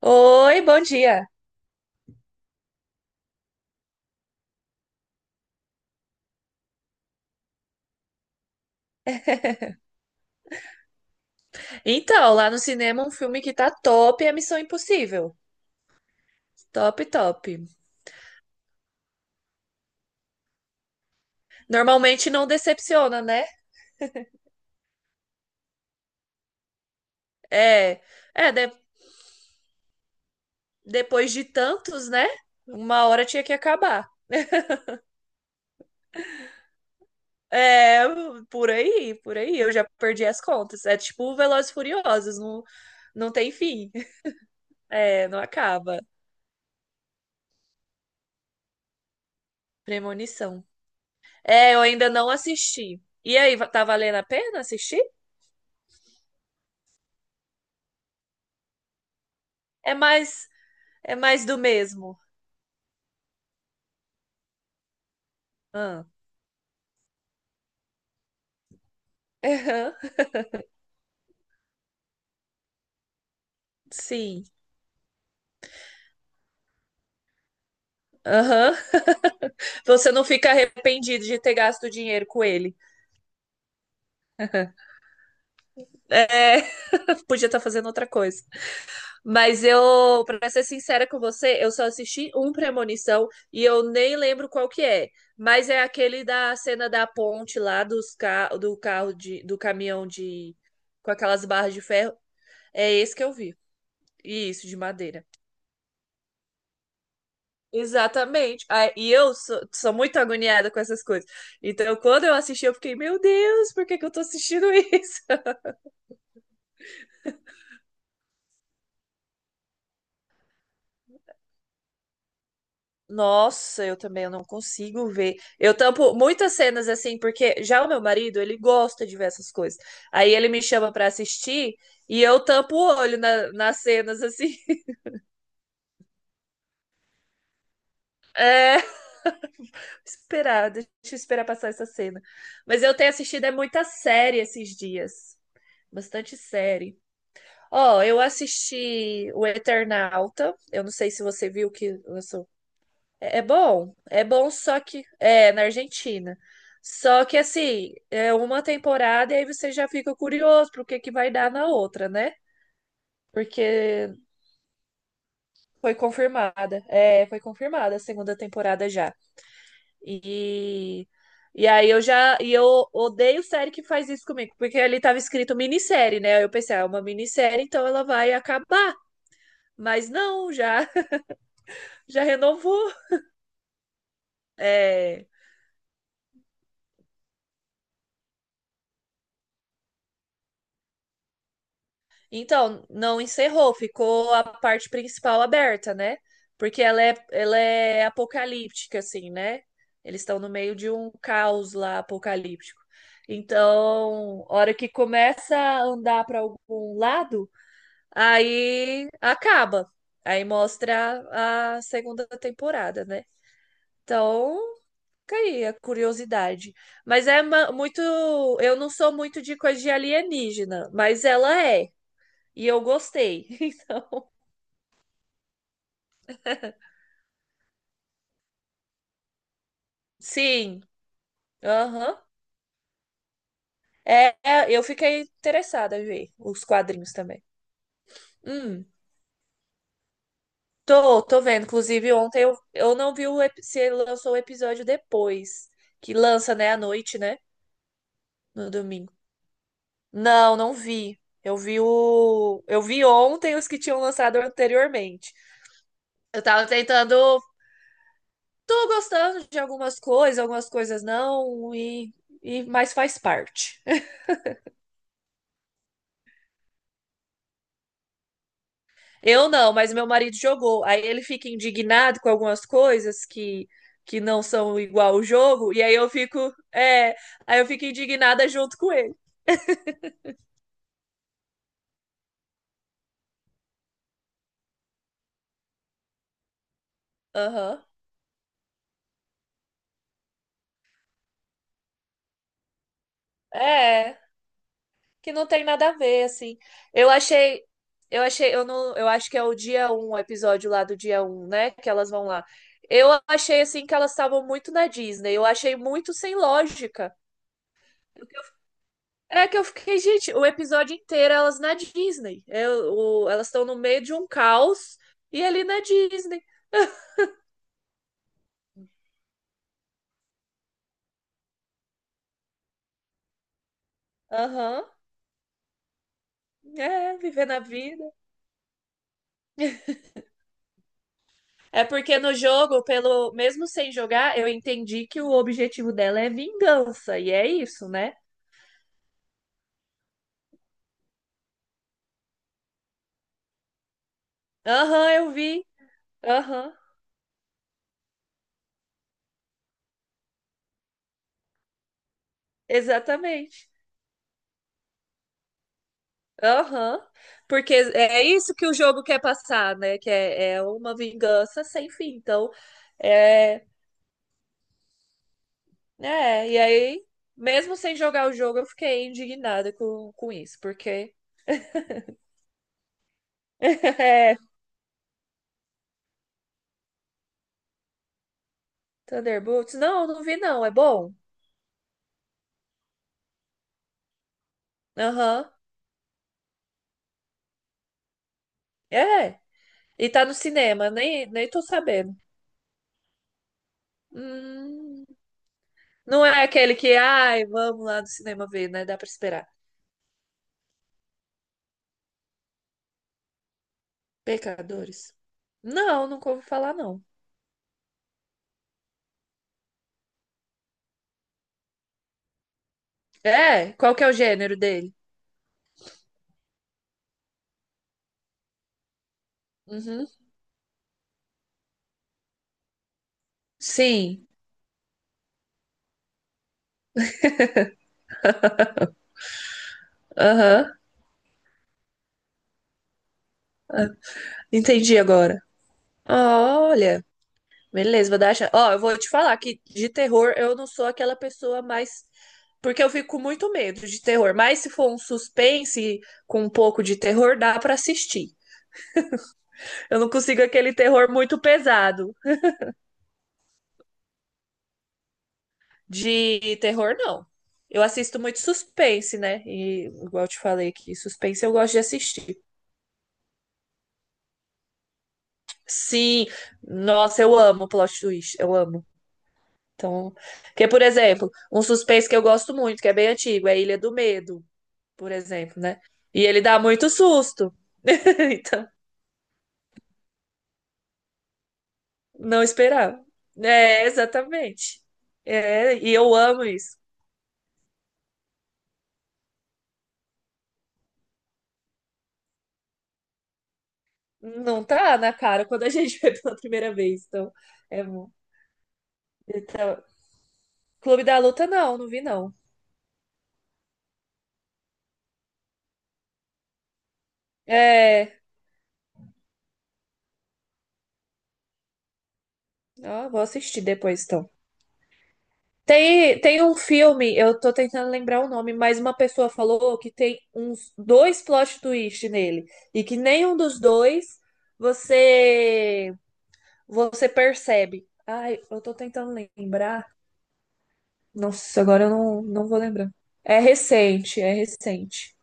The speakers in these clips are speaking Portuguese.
Oi, bom dia. Então, lá no cinema, um filme que tá top é Missão Impossível. Top, top. Normalmente não decepciona, né? É, é de- Depois de tantos, né? Uma hora tinha que acabar. É, por aí, por aí. Eu já perdi as contas. É tipo Velozes e Furiosos, não, não tem fim. É, não acaba. Premonição. É, eu ainda não assisti. E aí, tá valendo a pena assistir? É mais, é mais do mesmo. Ah. Sim. Aham. Você não fica arrependido de ter gasto dinheiro com ele. É, podia estar fazendo outra coisa. Mas eu, pra ser sincera com você, eu só assisti um Premonição e eu nem lembro qual que é. Mas é aquele da cena da ponte lá dos ca... do carro de... do caminhão de com aquelas barras de ferro. É esse que eu vi. Isso, de madeira. Exatamente. Ah, e eu sou, sou muito agoniada com essas coisas. Então, quando eu assisti, eu fiquei, meu Deus, por que que eu tô assistindo isso? Nossa, eu também eu não consigo ver. Eu tampo muitas cenas assim, porque já o meu marido, ele gosta de ver essas coisas. Aí ele me chama pra assistir e eu tampo o olho nas cenas assim. É, esperar, deixa eu esperar passar essa cena. Mas eu tenho assistido é muita série esses dias. Bastante série. Ó, eu assisti o Eternauta. Eu não sei se você viu que lançou. É bom, só que é na Argentina. Só que assim, é uma temporada e aí você já fica curioso pro que vai dar na outra, né? Porque foi confirmada. É, foi confirmada a segunda temporada já. E e eu odeio série que faz isso comigo, porque ali tava escrito minissérie, né? Eu pensei, ah, é uma minissérie, então ela vai acabar. Mas não, já renovou. É. Então, não encerrou, ficou a parte principal aberta, né? Porque ela é apocalíptica, assim, né? Eles estão no meio de um caos lá apocalíptico. Então, hora que começa a andar para algum lado, aí acaba. Aí mostra a segunda temporada, né? Então, fica aí a curiosidade. Mas é muito. Eu não sou muito de coisa de alienígena, mas ela é. E eu gostei. Sim. Aham. Eu fiquei interessada em ver os quadrinhos também. Hum, tô vendo. Inclusive, ontem eu não vi se lançou o episódio depois. Que lança, né, à noite, né? No domingo. Não, não vi. Eu vi o. Eu vi ontem os que tinham lançado anteriormente. Eu tava tentando Tô gostando de algumas coisas não, mas faz parte. Eu não, mas meu marido jogou. Aí ele fica indignado com algumas coisas que não são igual o jogo, e aí eu fico, é, aí eu fico indignada junto com ele. Aham. É, que não tem nada a ver assim. Eu achei eu achei, eu não, eu acho que é o dia um, o episódio lá do dia um, né, que elas vão lá. Eu achei assim que elas estavam muito na Disney. Eu achei muito sem lógica. É que eu fiquei, gente, o episódio inteiro elas na Disney. Elas estão no meio de um caos e ali na Disney. Aham. É, viver na vida. É porque no jogo, pelo mesmo sem jogar, eu entendi que o objetivo dela é vingança. E é isso, né? Aham, eu vi. Aham, exatamente. Aham. Porque é isso que o jogo quer passar, né? Que é uma vingança sem fim. Então, é, é, e aí, mesmo sem jogar o jogo, eu fiquei indignada com isso, porque. É, Thunderbolts? Não, não vi, não. É bom? Aham. É. E tá no cinema, nem tô sabendo. Hum, não é aquele que, ai, vamos lá no cinema ver, né? Dá pra esperar. Pecadores? Não, nunca ouvi falar, não. É? Qual que é o gênero dele? Uhum. Sim. Aham. Entendi agora. Olha. Beleza, vou dar a chance. Ó, eu vou te falar que de terror eu não sou aquela pessoa mais. Porque eu fico com muito medo de terror. Mas se for um suspense com um pouco de terror, dá pra assistir. Eu não consigo aquele terror muito pesado. De terror, não. Eu assisto muito suspense, né? E igual eu te falei que suspense eu gosto de assistir. Sim, nossa, eu amo plot twist, eu amo. Então, que por exemplo, um suspense que eu gosto muito, que é bem antigo, é Ilha do Medo. Por exemplo, né? E ele dá muito susto. Então, não esperava. É, exatamente. É, e eu amo isso. Não tá na cara quando a gente vê pela primeira vez. Então, é bom. Então, Clube da Luta, não, não vi, não. É. Ó, vou assistir depois, então. Tem um filme, eu tô tentando lembrar o nome, mas uma pessoa falou que tem uns dois plot twist nele. E que nenhum dos dois você você percebe. Ai, eu tô tentando lembrar. Nossa, agora eu não, não vou lembrar. É recente.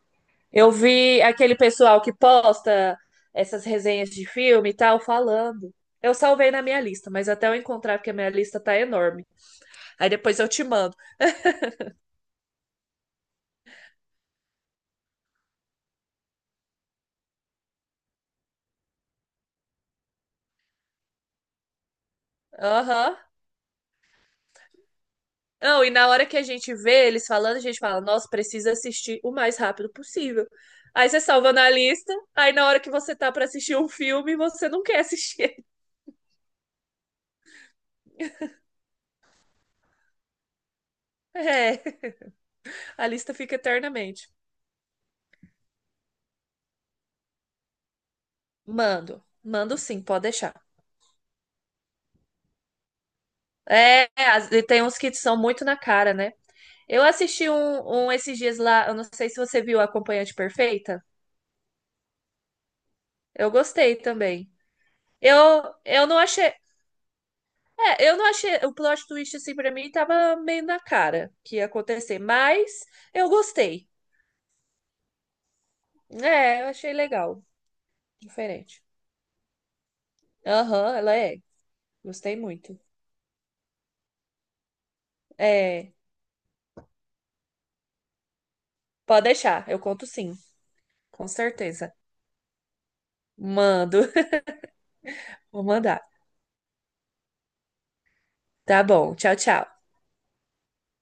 Eu vi aquele pessoal que posta essas resenhas de filme e tal falando. Eu salvei na minha lista, mas até eu encontrar, porque a minha lista tá enorme. Aí depois eu te mando. Aham. Não, e na hora que a gente vê eles falando, a gente fala, nossa, precisa assistir o mais rápido possível. Aí você salva na lista, aí na hora que você tá pra assistir um filme, você não quer assistir. É. A lista fica eternamente. Mando. Mando sim, pode deixar. É, e tem uns que são muito na cara, né? Eu assisti um esses dias lá, eu não sei se você viu Acompanhante Perfeita. Eu gostei também. Eu não achei. É, eu não achei. O plot twist, assim, pra mim, tava meio na cara que ia acontecer. Mas eu gostei. É, eu achei legal. Diferente. Aham, ela é. Gostei muito. É, pode deixar. Eu conto sim, com certeza. Mando. Vou mandar. Tá bom. Tchau, tchau.